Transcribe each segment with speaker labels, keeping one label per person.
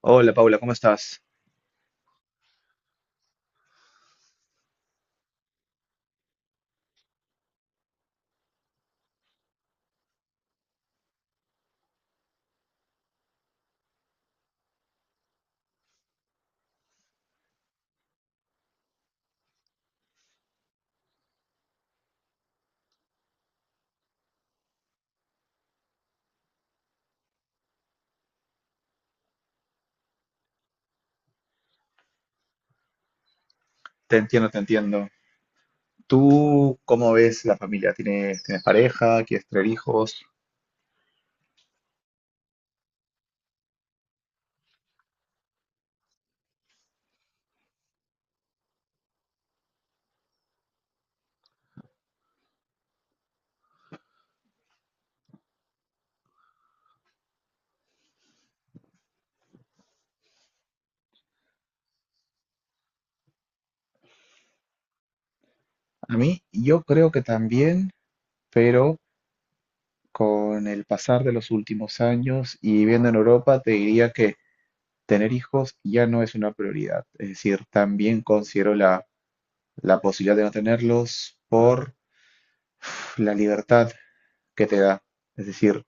Speaker 1: Hola Paula, ¿cómo estás? Te entiendo, te entiendo. ¿Tú cómo ves la familia? ¿Tienes pareja? ¿Quieres tener hijos? A mí, yo creo que también, pero con el pasar de los últimos años y viviendo en Europa, te diría que tener hijos ya no es una prioridad. Es decir, también considero la posibilidad de no tenerlos por la libertad que te da. Es decir,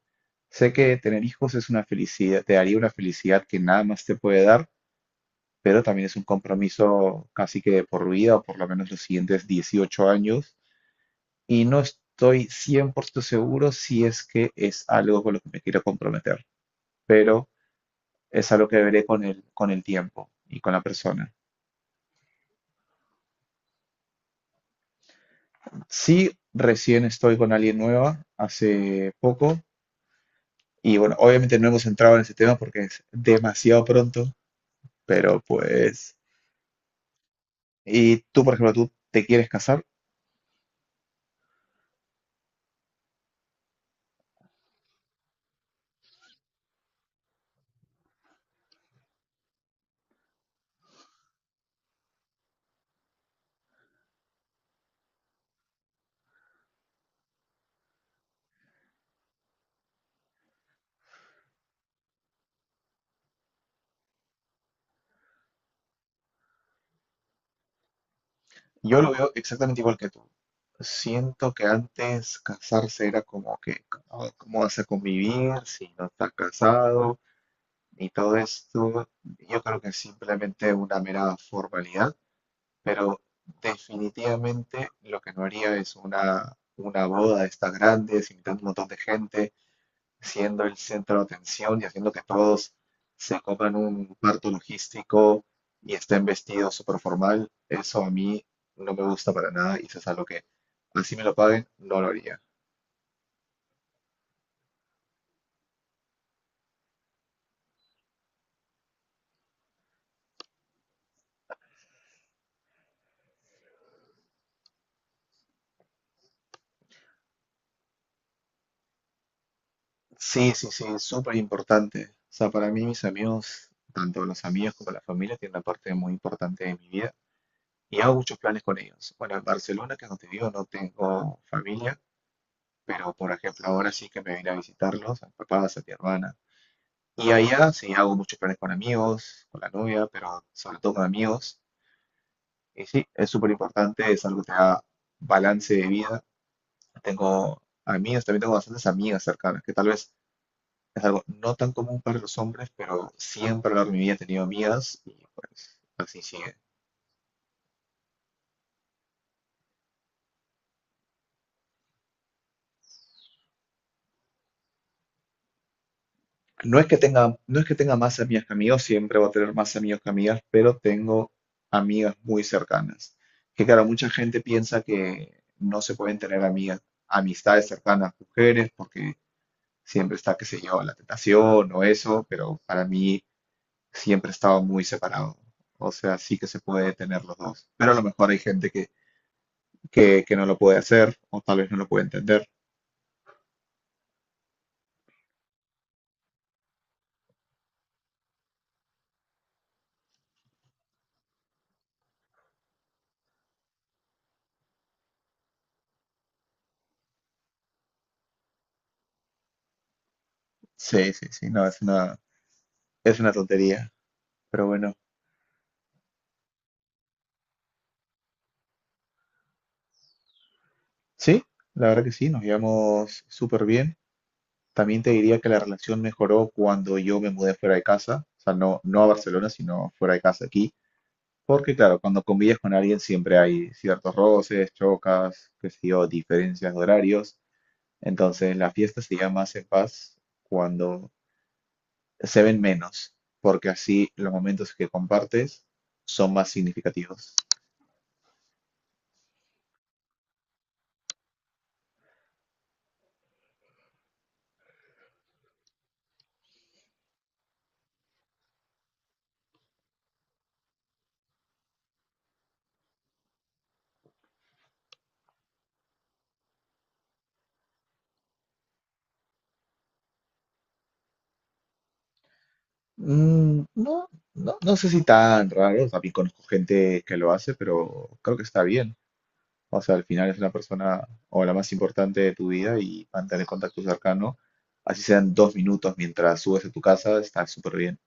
Speaker 1: sé que tener hijos es una felicidad, te daría una felicidad que nada más te puede dar, pero también es un compromiso casi que de por vida, o por lo menos los siguientes 18 años, y no estoy 100% seguro si es que es algo con lo que me quiero comprometer, pero es algo que veré con el tiempo y con la persona. Sí, recién estoy con alguien nueva, hace poco, y bueno, obviamente no hemos entrado en ese tema porque es demasiado pronto, pero pues... ¿Y tú, por ejemplo, tú te quieres casar? Yo lo veo exactamente igual que tú. Siento que antes casarse era como que, "Ah, ¿cómo vas a convivir si no estás casado?". Y todo esto, yo creo que es simplemente una mera formalidad, pero definitivamente lo que no haría es una boda de estas grandes, invitando un montón de gente, siendo el centro de atención y haciendo que todos se coman un parto logístico y estén vestidos súper formal. Eso a mí no me gusta para nada y eso es algo que, así me lo paguen, no lo haría. Sí, sí, sí, es súper importante. O sea, para mí mis amigos, tanto los amigos como la familia, tienen una parte muy importante de mi vida y hago muchos planes con ellos. Bueno, en Barcelona, que no te digo, no tengo familia, pero por ejemplo ahora sí que me vine a visitarlos, a mis papás, a mi hermana. Y, ajá, allá sí hago muchos planes con amigos, con la novia, pero sobre todo con amigos. Y sí, es súper importante, es algo que te da balance de vida. Tengo amigas, también tengo bastantes amigas cercanas, que tal vez es algo no tan común para los hombres, pero siempre a lo largo de mi vida he tenido amigas y pues así sigue. No es que tenga más amigas que amigos, siempre voy a tener más amigos que amigas, pero tengo amigas muy cercanas. Que claro, mucha gente piensa que no se pueden tener amigas, amistades cercanas mujeres, porque siempre está, qué sé yo, la tentación o eso, pero para mí siempre estaba muy separado. O sea, sí que se puede tener los dos. Pero a lo mejor hay gente que, que no lo puede hacer o tal vez no lo puede entender. Sí, sí, sí, no, es una tontería. Pero bueno. Sí, la verdad que sí, nos llevamos súper bien. También te diría que la relación mejoró cuando yo me mudé fuera de casa, o sea, no, no a Barcelona, sino fuera de casa aquí. Porque claro, cuando convives con alguien siempre hay ciertos roces, chocas, qué sé yo, diferencias de horarios. Entonces la fiesta se llama más en paz cuando se ven menos, porque así los momentos que compartes son más significativos. Mm, no, no, no sé si tan raro, también conozco gente que lo hace, pero creo que está bien. O sea, al final es una persona o la más importante de tu vida y mantener contacto cercano, así sean 2 minutos mientras subes a tu casa, está súper bien.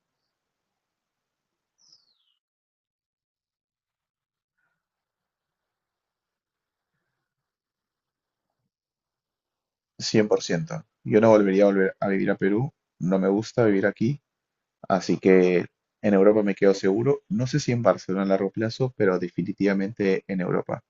Speaker 1: 100%. Yo no volvería a volver a vivir a Perú, no me gusta vivir aquí, así que en Europa me quedo seguro. No sé si en Barcelona a largo plazo, pero definitivamente en Europa.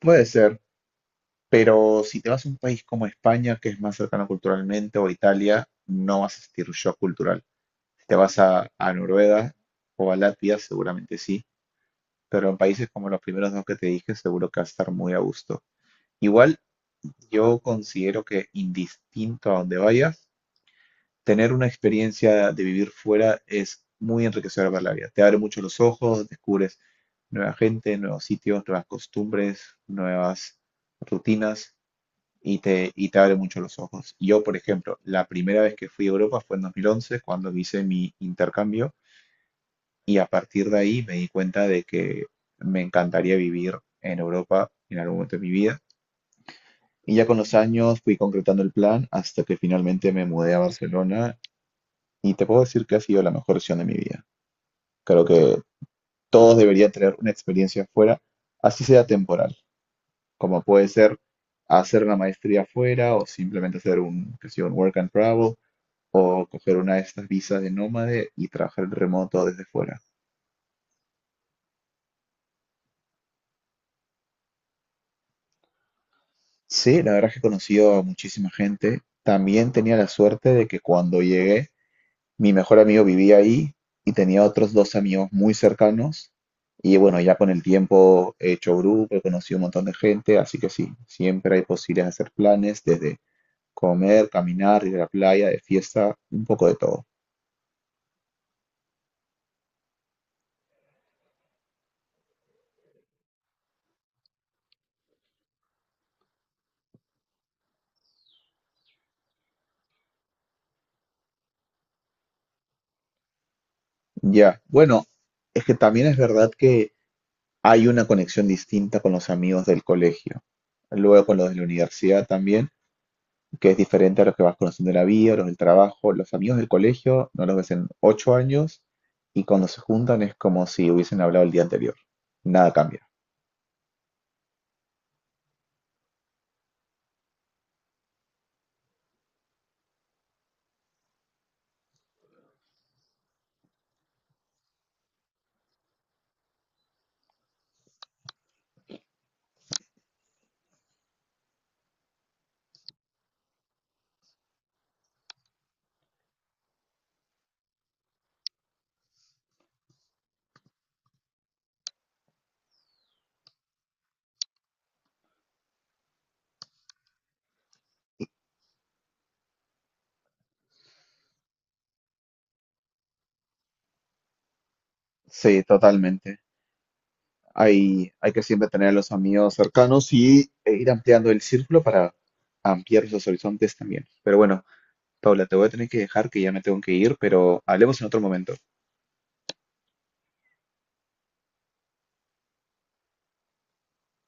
Speaker 1: Puede ser, pero si te vas a un país como España, que es más cercano culturalmente, o Italia, no vas a sentir shock cultural. Si te vas a Noruega o a Latvia, seguramente sí, pero en países como los primeros dos que te dije, seguro que vas a estar muy a gusto. Igual, yo considero que indistinto a donde vayas, tener una experiencia de vivir fuera es muy enriquecedora para la vida. Te abre mucho los ojos, descubres nueva gente, nuevos sitios, nuevas costumbres, nuevas rutinas y te abre mucho los ojos. Yo, por ejemplo, la primera vez que fui a Europa fue en 2011, cuando hice mi intercambio, y a partir de ahí me di cuenta de que me encantaría vivir en Europa en algún momento de mi vida. Y ya con los años fui concretando el plan hasta que finalmente me mudé a Barcelona y te puedo decir que ha sido la mejor decisión de mi vida. Creo que todos deberían tener una experiencia afuera, así sea temporal, como puede ser hacer una maestría afuera o simplemente hacer un, que sea, un work and travel o coger una de estas visas de nómade y trabajar en remoto desde fuera. Sí, la verdad es que he conocido a muchísima gente. También tenía la suerte de que cuando llegué, mi mejor amigo vivía ahí y tenía otros dos amigos muy cercanos. Y bueno, ya con el tiempo he hecho grupo, he conocido un montón de gente, así que sí, siempre hay posibilidades de hacer planes, desde comer, caminar, ir a la playa, de fiesta, un poco de todo. Ya, bueno, es que también es verdad que hay una conexión distinta con los amigos del colegio, luego con los de la universidad también, que es diferente a los que vas conociendo en la vida, los del trabajo. Los amigos del colegio no los ves en 8 años y cuando se juntan es como si hubiesen hablado el día anterior. Nada cambia. Sí, totalmente. Hay que siempre tener a los amigos cercanos y e ir ampliando el círculo para ampliar los horizontes también. Pero bueno, Paula, te voy a tener que dejar que ya me tengo que ir, pero hablemos en otro momento.